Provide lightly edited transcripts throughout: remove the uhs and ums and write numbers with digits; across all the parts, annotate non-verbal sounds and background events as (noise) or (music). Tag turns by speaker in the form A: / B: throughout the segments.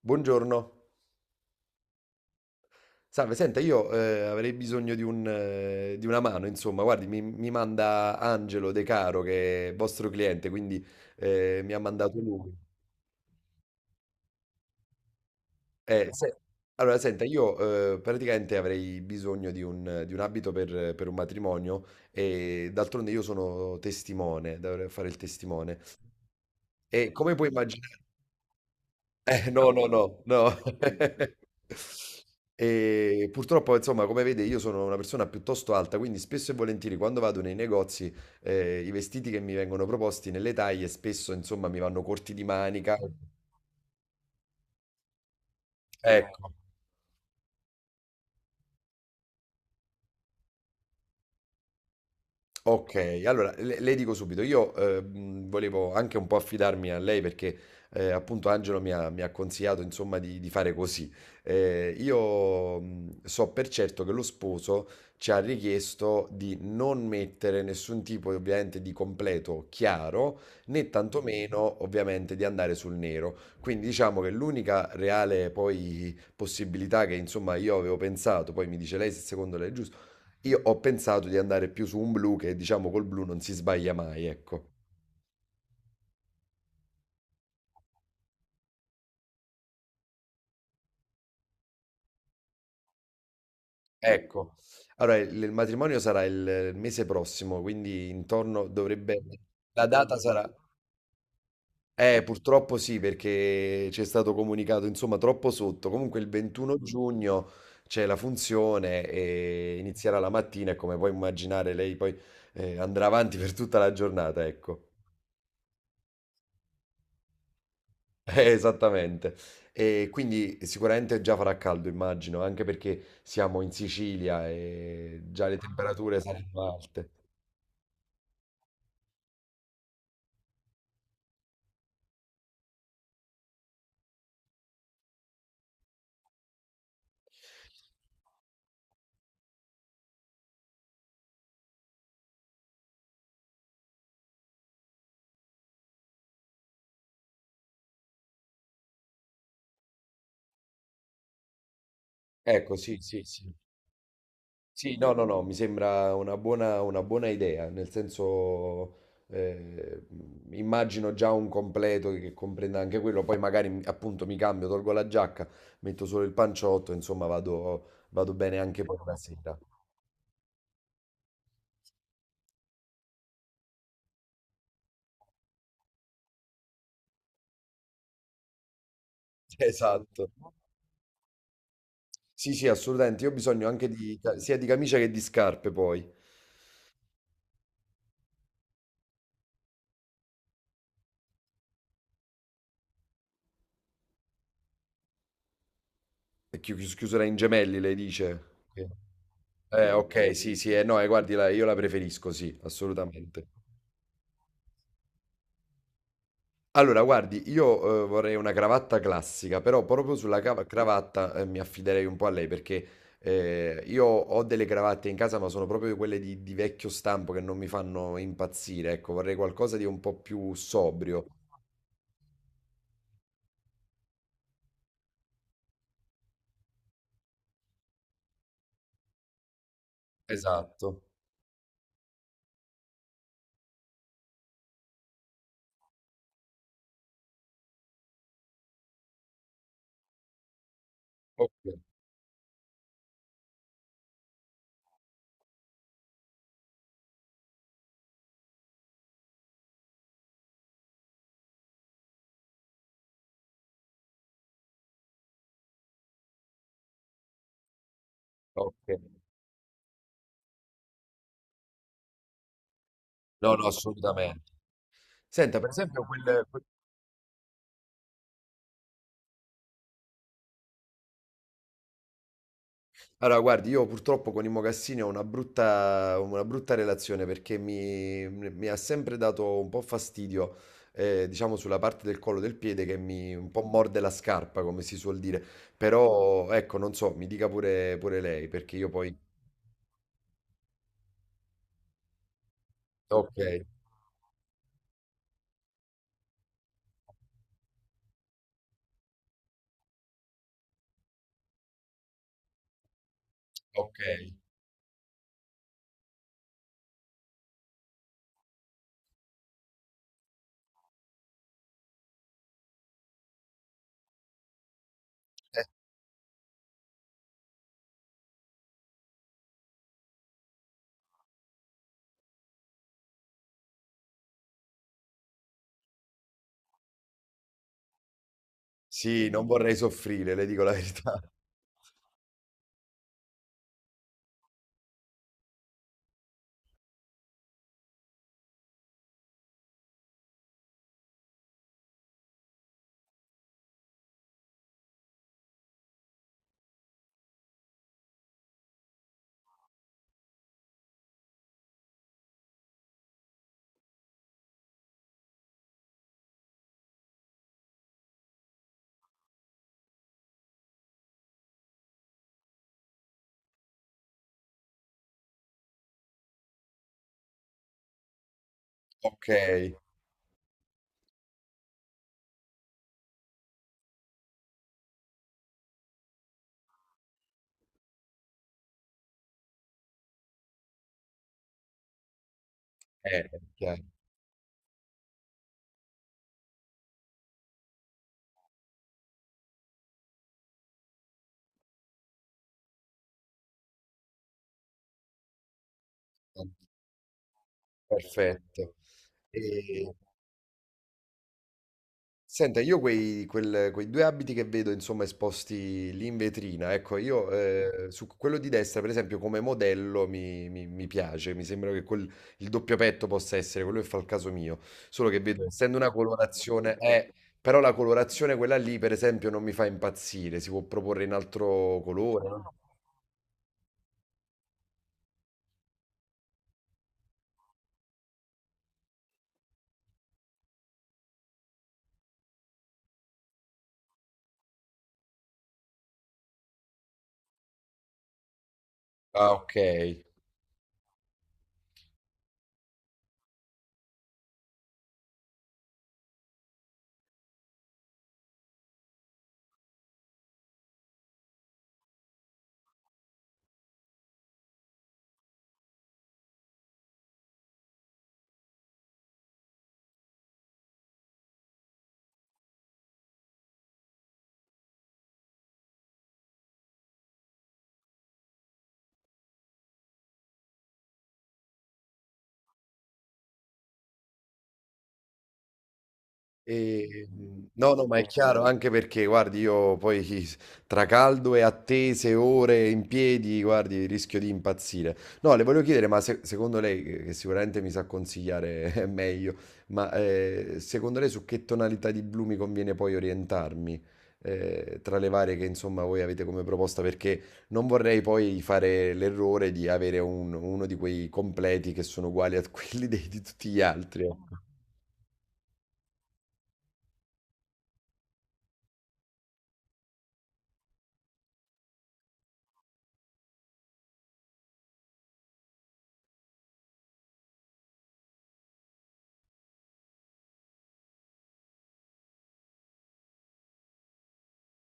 A: Buongiorno. Salve, senta, io avrei bisogno di un, di una mano, insomma, guardi, mi manda Angelo De Caro, che è vostro cliente, quindi mi ha mandato lui. Eh, se- Allora, senta, io praticamente avrei bisogno di un abito per un matrimonio e d'altronde io sono testimone, dovrei fare il testimone. E come puoi immaginare... no, no, no, no. (laughs) E purtroppo, insomma, come vede, io sono una persona piuttosto alta, quindi spesso e volentieri quando vado nei negozi, i vestiti che mi vengono proposti nelle taglie spesso, insomma, mi vanno corti di manica. Ecco. Ok, allora le dico subito, io volevo anche un po' affidarmi a lei perché appunto Angelo mi ha consigliato insomma di fare così. Io so per certo che lo sposo ci ha richiesto di non mettere nessun tipo ovviamente di completo chiaro né tantomeno ovviamente di andare sul nero. Quindi diciamo che l'unica reale poi possibilità che insomma io avevo pensato, poi mi dice lei se secondo lei è giusto, io ho pensato di andare più su un blu, che diciamo col blu non si sbaglia mai, ecco. Ecco. Allora il matrimonio sarà il mese prossimo, quindi intorno dovrebbe la data sarà, purtroppo sì, perché c'è stato comunicato insomma troppo sotto. Comunque il 21 giugno c'è la funzione e inizierà la mattina e come puoi immaginare lei poi andrà avanti per tutta la giornata, ecco. Esattamente. E quindi sicuramente già farà caldo, immagino, anche perché siamo in Sicilia e già le temperature saranno alte. Ecco, sì, sì, sì. Sì, no, no, no, mi sembra una buona idea, nel senso, eh, immagino già un completo che comprenda anche quello, poi magari appunto mi cambio, tolgo la giacca, metto solo il panciotto, insomma vado, vado bene anche per la sera. (laughs) Esatto. Sì, sì, assolutamente. Io ho bisogno anche di, sia di camicia che di scarpe poi. Chiusura in gemelli, lei dice. Sì. Ok, sì, sì, no, guardi, io la preferisco, sì, assolutamente. Allora, guardi, io vorrei una cravatta classica, però proprio sulla cravatta, mi affiderei un po' a lei perché io ho delle cravatte in casa, ma sono proprio quelle di vecchio stampo che non mi fanno impazzire. Ecco, vorrei qualcosa di un po' più sobrio. Esatto. Ok, ok. No, no, assolutamente. Senta, per esempio, Allora, guardi, io purtroppo con i mocassini ho una brutta relazione perché mi ha sempre dato un po' fastidio, diciamo, sulla parte del collo del piede che mi un po' morde la scarpa, come si suol dire. Però, ecco, non so, mi dica pure, pure lei, perché io poi... Ok, ok. Sì, non vorrei soffrire, le dico la verità. Ok, chiaro. Perfetto. E- Senta, io quei due abiti che vedo, insomma, esposti lì in vetrina, ecco, io su quello di destra, per esempio, come modello mi piace, mi sembra che il doppio petto possa essere quello che fa il caso mio, solo che vedo, essendo una colorazione, però la colorazione quella lì, per esempio, non mi fa impazzire, si può proporre in altro colore, no? Ah, ok. E, no, no, ma è chiaro, anche perché guardi io poi (laughs) tra caldo e attese, ore in piedi, guardi rischio di impazzire. No, le volevo chiedere, ma se secondo lei, che sicuramente mi sa consigliare (laughs) meglio, ma, secondo lei su che tonalità di blu mi conviene poi orientarmi, tra le varie che insomma voi avete come proposta? Perché non vorrei poi fare l'errore di avere un uno di quei completi che sono uguali a (laughs) quelli dei di tutti gli altri, ecco.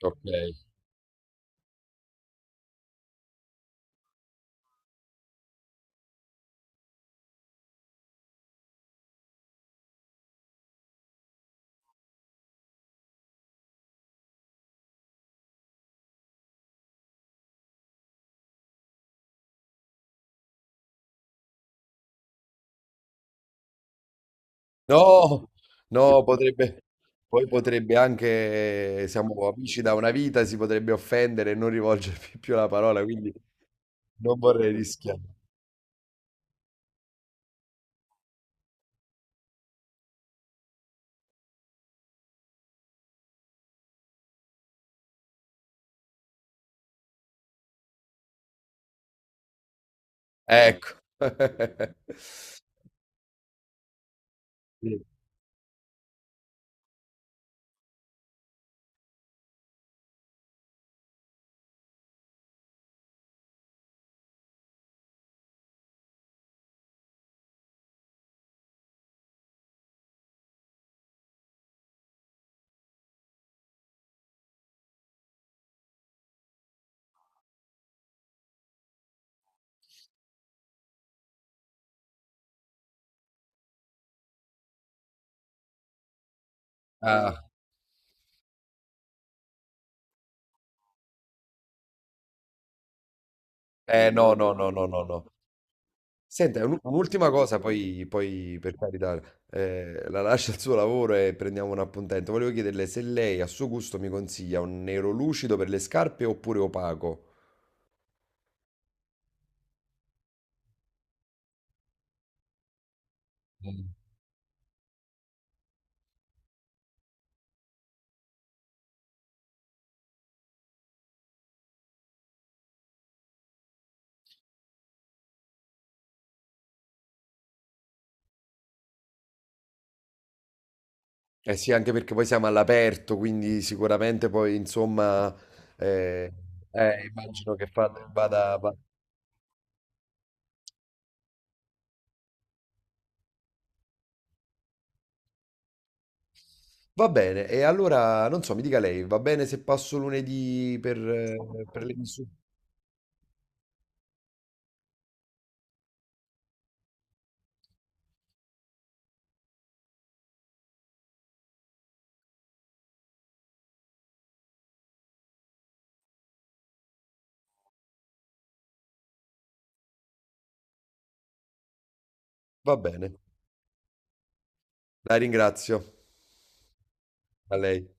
A: Okay. No, no, potrebbe, poi potrebbe anche, siamo amici da una vita, si potrebbe offendere e non rivolgermi più la parola, quindi non vorrei rischiare. Ecco. (laughs) Sì. Ah, no, no, no, no, no, no. Senta, un'ultima cosa, poi, poi, per carità, la lascio al suo lavoro e prendiamo un appuntamento. Volevo chiederle se lei a suo gusto mi consiglia un nero lucido per le scarpe oppure opaco. Eh sì, anche perché poi siamo all'aperto, quindi sicuramente poi insomma eh, immagino che va, va bene. E allora non so, mi dica lei, va bene se passo lunedì per le misure? Va bene, la ringrazio. A lei.